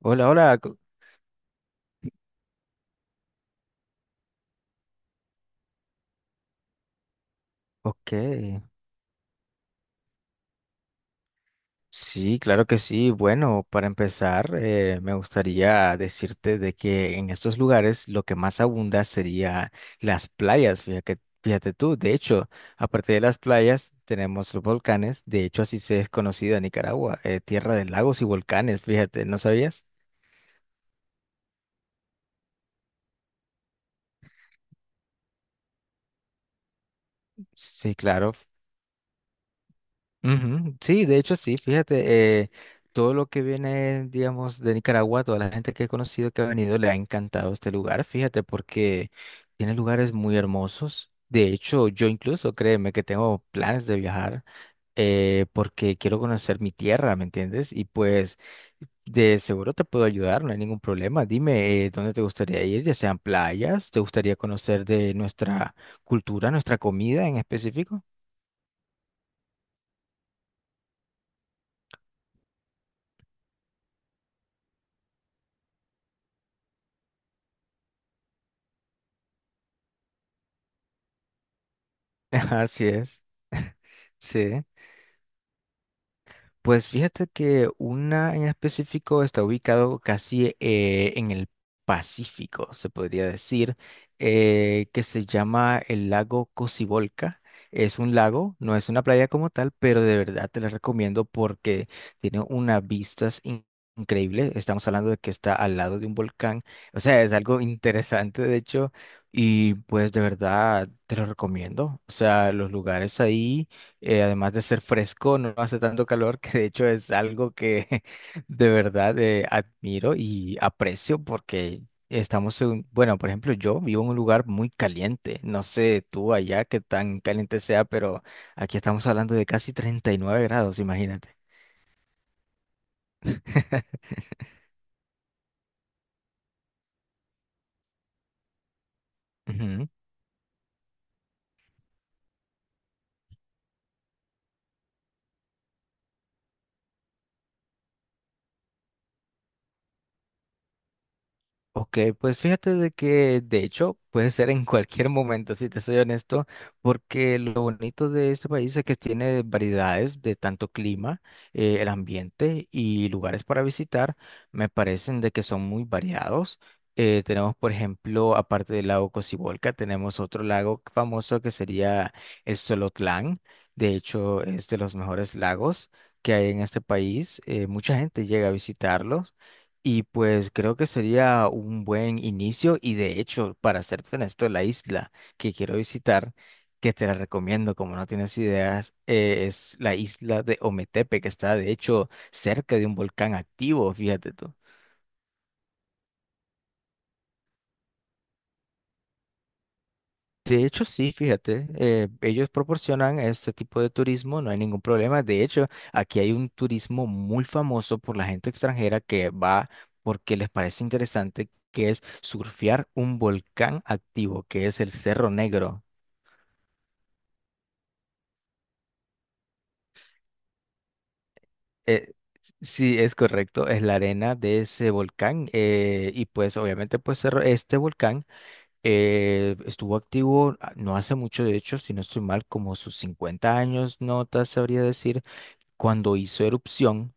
Hola, hola. Ok. Sí, claro que sí. Bueno, para empezar, me gustaría decirte de que en estos lugares lo que más abunda sería las playas. Fíjate, fíjate tú, de hecho, aparte de las playas, tenemos los volcanes. De hecho, así se es conocida Nicaragua, tierra de lagos y volcanes. Fíjate, ¿no sabías? Sí, claro. Ujú, sí, de hecho sí, fíjate, todo lo que viene, digamos, de Nicaragua, toda la gente que he conocido que ha venido le ha encantado este lugar, fíjate, porque tiene lugares muy hermosos. De hecho, yo incluso, créeme, que tengo planes de viajar porque quiero conocer mi tierra, ¿me entiendes? Y pues de seguro te puedo ayudar, no hay ningún problema. Dime, ¿dónde te gustaría ir? Ya sean playas, ¿te gustaría conocer de nuestra cultura, nuestra comida en específico? Así es. Sí, pues fíjate que una en específico está ubicado casi en el Pacífico, se podría decir, que se llama el lago Cocibolca. Es un lago, no es una playa como tal, pero de verdad te la recomiendo porque tiene unas vistas increíbles. Estamos hablando de que está al lado de un volcán, o sea, es algo interesante de hecho, y pues de verdad te lo recomiendo. O sea, los lugares ahí además de ser fresco, no hace tanto calor, que de hecho es algo que de verdad admiro y aprecio porque estamos en, bueno, por ejemplo, yo vivo en un lugar muy caliente, no sé tú allá qué tan caliente sea, pero aquí estamos hablando de casi 39 grados, imagínate. Ok, pues fíjate de que de hecho puede ser en cualquier momento, si te soy honesto, porque lo bonito de este país es que tiene variedades de tanto clima, el ambiente y lugares para visitar, me parecen de que son muy variados. Tenemos, por ejemplo, aparte del lago Cocibolca, tenemos otro lago famoso que sería el Solotlán. De hecho, es de los mejores lagos que hay en este país. Mucha gente llega a visitarlos. Y pues creo que sería un buen inicio y de hecho, para serte honesto, la isla que quiero visitar, que te la recomiendo como no tienes ideas, es la isla de Ometepe, que está de hecho cerca de un volcán activo, fíjate tú. De hecho, sí, fíjate, ellos proporcionan este tipo de turismo, no hay ningún problema. De hecho, aquí hay un turismo muy famoso por la gente extranjera que va porque les parece interesante, que es surfear un volcán activo, que es el Cerro Negro. Eh, sí, es correcto, es la arena de ese volcán y pues obviamente pues este volcán estuvo activo no hace mucho, de hecho, si no estoy mal, como sus 50 años, no te sabría decir cuando hizo erupción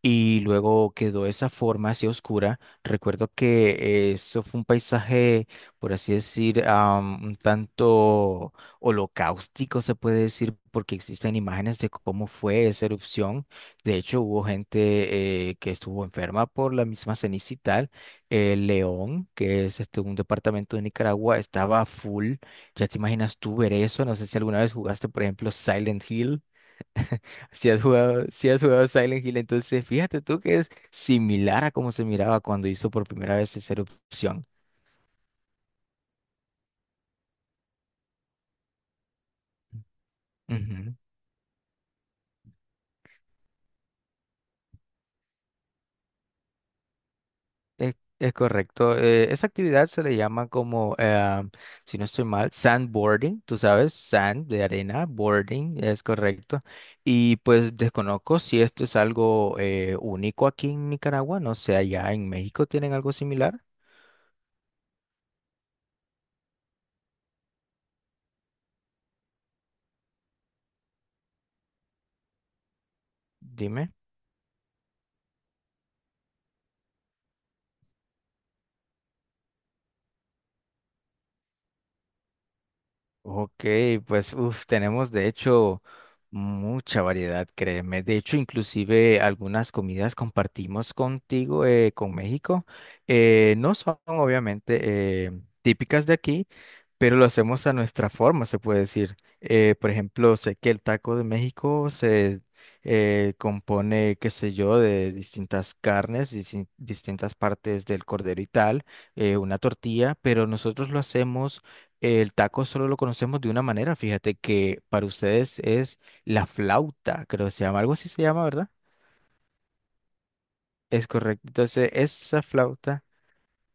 y luego quedó esa forma así oscura. Recuerdo que eso fue un paisaje, por así decir, un tanto holocáustico, se puede decir, porque existen imágenes de cómo fue esa erupción. De hecho, hubo gente que estuvo enferma por la misma ceniza y tal. León, que es este, un departamento de Nicaragua, estaba full. Ya te imaginas tú ver eso. No sé si alguna vez jugaste, por ejemplo, Silent Hill. Si has jugado Silent Hill, entonces fíjate tú que es similar a cómo se miraba cuando hizo por primera vez esa erupción. Ujú. Es correcto. Esa actividad se le llama como, si no estoy mal, sandboarding, tú sabes, sand de arena, boarding, es correcto. Y pues desconozco si esto es algo único aquí en Nicaragua, no sé, allá en México tienen algo similar, dime. Ok, pues uf, tenemos de hecho mucha variedad, créeme. De hecho, inclusive algunas comidas compartimos contigo, con México. No son obviamente típicas de aquí, pero lo hacemos a nuestra forma, se puede decir. Por ejemplo, sé que el taco de México se compone, qué sé yo, de distintas carnes, distintas partes del cordero y tal, una tortilla, pero nosotros lo hacemos el taco solo lo conocemos de una manera, fíjate que para ustedes es la flauta, creo que se llama, algo así se llama, ¿verdad? Es correcto. Entonces, esa flauta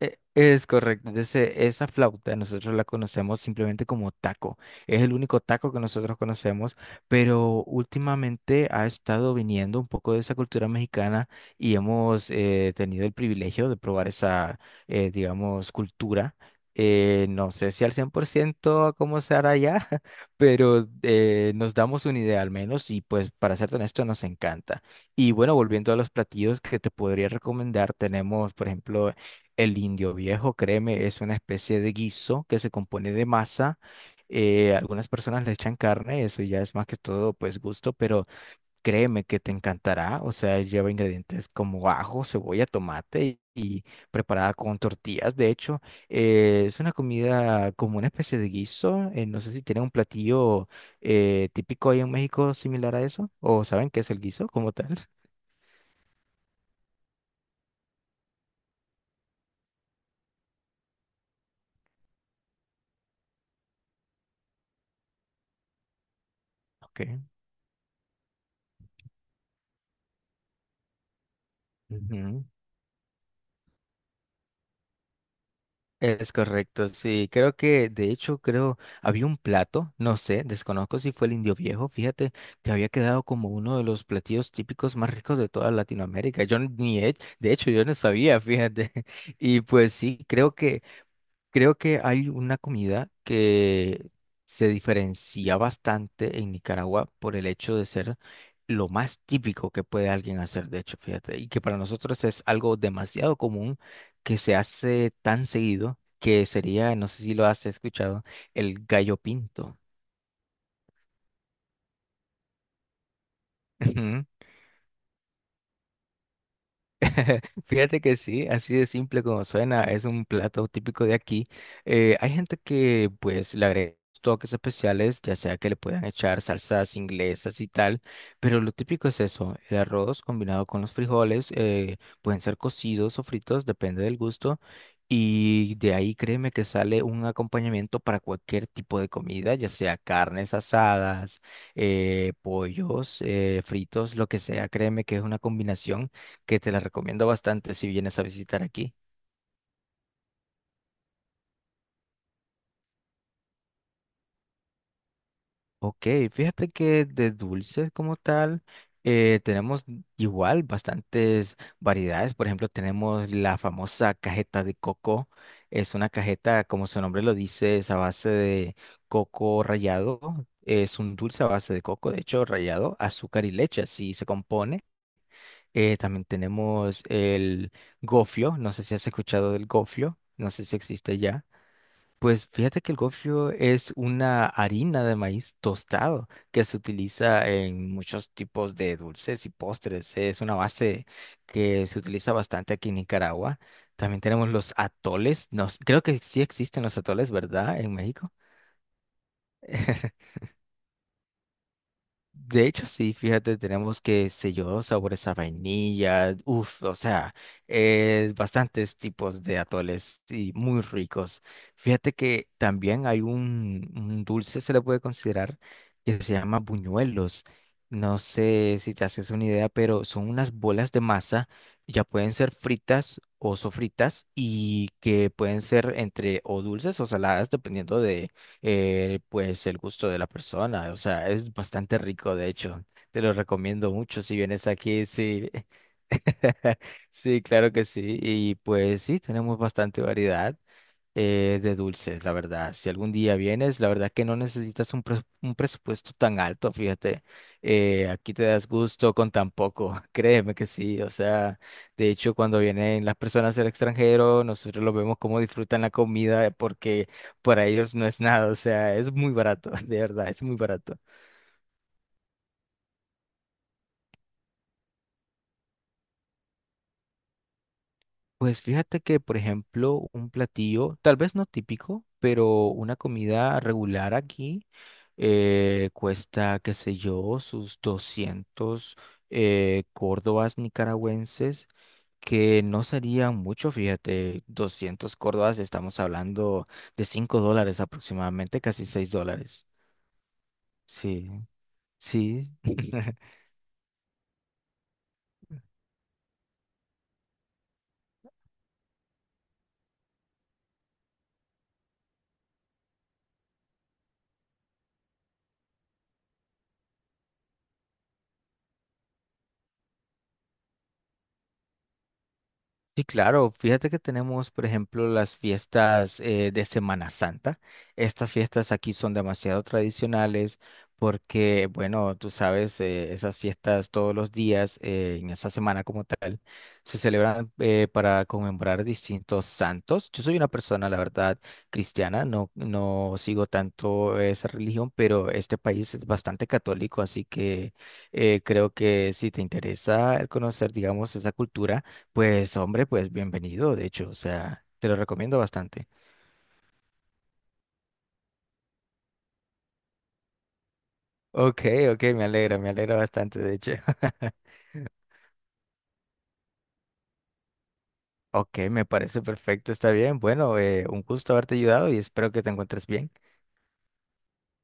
es correcto. Entonces, esa flauta nosotros la conocemos simplemente como taco. Es el único taco que nosotros conocemos, pero últimamente ha estado viniendo un poco de esa cultura mexicana y hemos tenido el privilegio de probar esa, digamos, cultura. No sé si al 100% cómo se hará ya, pero nos damos una idea al menos y pues para ser honesto nos encanta. Y bueno, volviendo a los platillos que te podría recomendar, tenemos, por ejemplo, el indio viejo, créeme, es una especie de guiso que se compone de masa. Algunas personas le echan carne, eso ya es más que todo pues gusto, pero créeme que te encantará. O sea, lleva ingredientes como ajo, cebolla, tomate y preparada con tortillas. De hecho, es una comida como una especie de guiso. No sé si tienen un platillo típico ahí en México similar a eso o saben qué es el guiso como tal. Ok. Es correcto, sí, creo que de hecho creo había un plato, no sé, desconozco si fue el indio viejo, fíjate que había quedado como uno de los platillos típicos más ricos de toda Latinoamérica. Yo ni he, de hecho yo no sabía, fíjate. Y pues sí, creo que hay una comida que se diferencia bastante en Nicaragua por el hecho de ser lo más típico que puede alguien hacer, de hecho, fíjate, y que para nosotros es algo demasiado común que se hace tan seguido que sería, no sé si lo has escuchado, el gallo pinto. Fíjate que sí, así de simple como suena, es un plato típico de aquí. Hay gente que pues le agrega toques especiales, ya sea que le puedan echar salsas inglesas y tal, pero lo típico es eso, el arroz combinado con los frijoles, pueden ser cocidos o fritos, depende del gusto, y de ahí créeme que sale un acompañamiento para cualquier tipo de comida, ya sea carnes asadas, pollos, fritos, lo que sea, créeme que es una combinación que te la recomiendo bastante si vienes a visitar aquí. Ok, fíjate que de dulces como tal, tenemos igual bastantes variedades. Por ejemplo, tenemos la famosa cajeta de coco. Es una cajeta, como su nombre lo dice, es a base de coco rallado. Es un dulce a base de coco, de hecho, rallado, azúcar y leche, así se compone. También tenemos el gofio. No sé si has escuchado del gofio. No sé si existe ya. Pues fíjate que el gofio es una harina de maíz tostado que se utiliza en muchos tipos de dulces y postres. Es una base que se utiliza bastante aquí en Nicaragua. También tenemos los atoles. Creo que sí existen los atoles, ¿verdad? En México. De hecho, sí, fíjate, tenemos que, sé yo, sabores a vainilla, uff, o sea, bastantes tipos de atoles y muy ricos. Fíjate que también hay un dulce, se le puede considerar, que se llama buñuelos. No sé si te haces una idea, pero son unas bolas de masa, ya pueden ser fritas o sofritas y que pueden ser entre o dulces o saladas, dependiendo pues el gusto de la persona. O sea, es bastante rico, de hecho. Te lo recomiendo mucho si vienes aquí, sí. Sí, claro que sí. Y pues sí, tenemos bastante variedad de dulces, la verdad. Si algún día vienes, la verdad que no necesitas un presupuesto tan alto, fíjate. Aquí te das gusto con tan poco, créeme que sí. O sea, de hecho, cuando vienen las personas del extranjero, nosotros los vemos cómo disfrutan la comida porque para ellos no es nada. O sea, es muy barato, de verdad, es muy barato. Pues fíjate que, por ejemplo, un platillo, tal vez no típico, pero una comida regular aquí cuesta, qué sé yo, sus 200 córdobas nicaragüenses, que no serían mucho, fíjate, 200 córdobas, estamos hablando de $5 aproximadamente, casi $6. Sí, sí. Sí, claro. Fíjate que tenemos, por ejemplo, las fiestas de Semana Santa. Estas fiestas aquí son demasiado tradicionales porque, bueno, tú sabes, esas fiestas todos los días en esa semana como tal se celebran para conmemorar distintos santos. Yo soy una persona, la verdad, cristiana. No, no sigo tanto esa religión, pero este país es bastante católico, así que creo que si te interesa el conocer, digamos, esa cultura pues hombre, pues bienvenido, de hecho, o sea, te lo recomiendo bastante. Ok, ok, me alegra bastante, de hecho. Ok, me parece perfecto, está bien. Bueno, un gusto haberte ayudado y espero que te encuentres bien.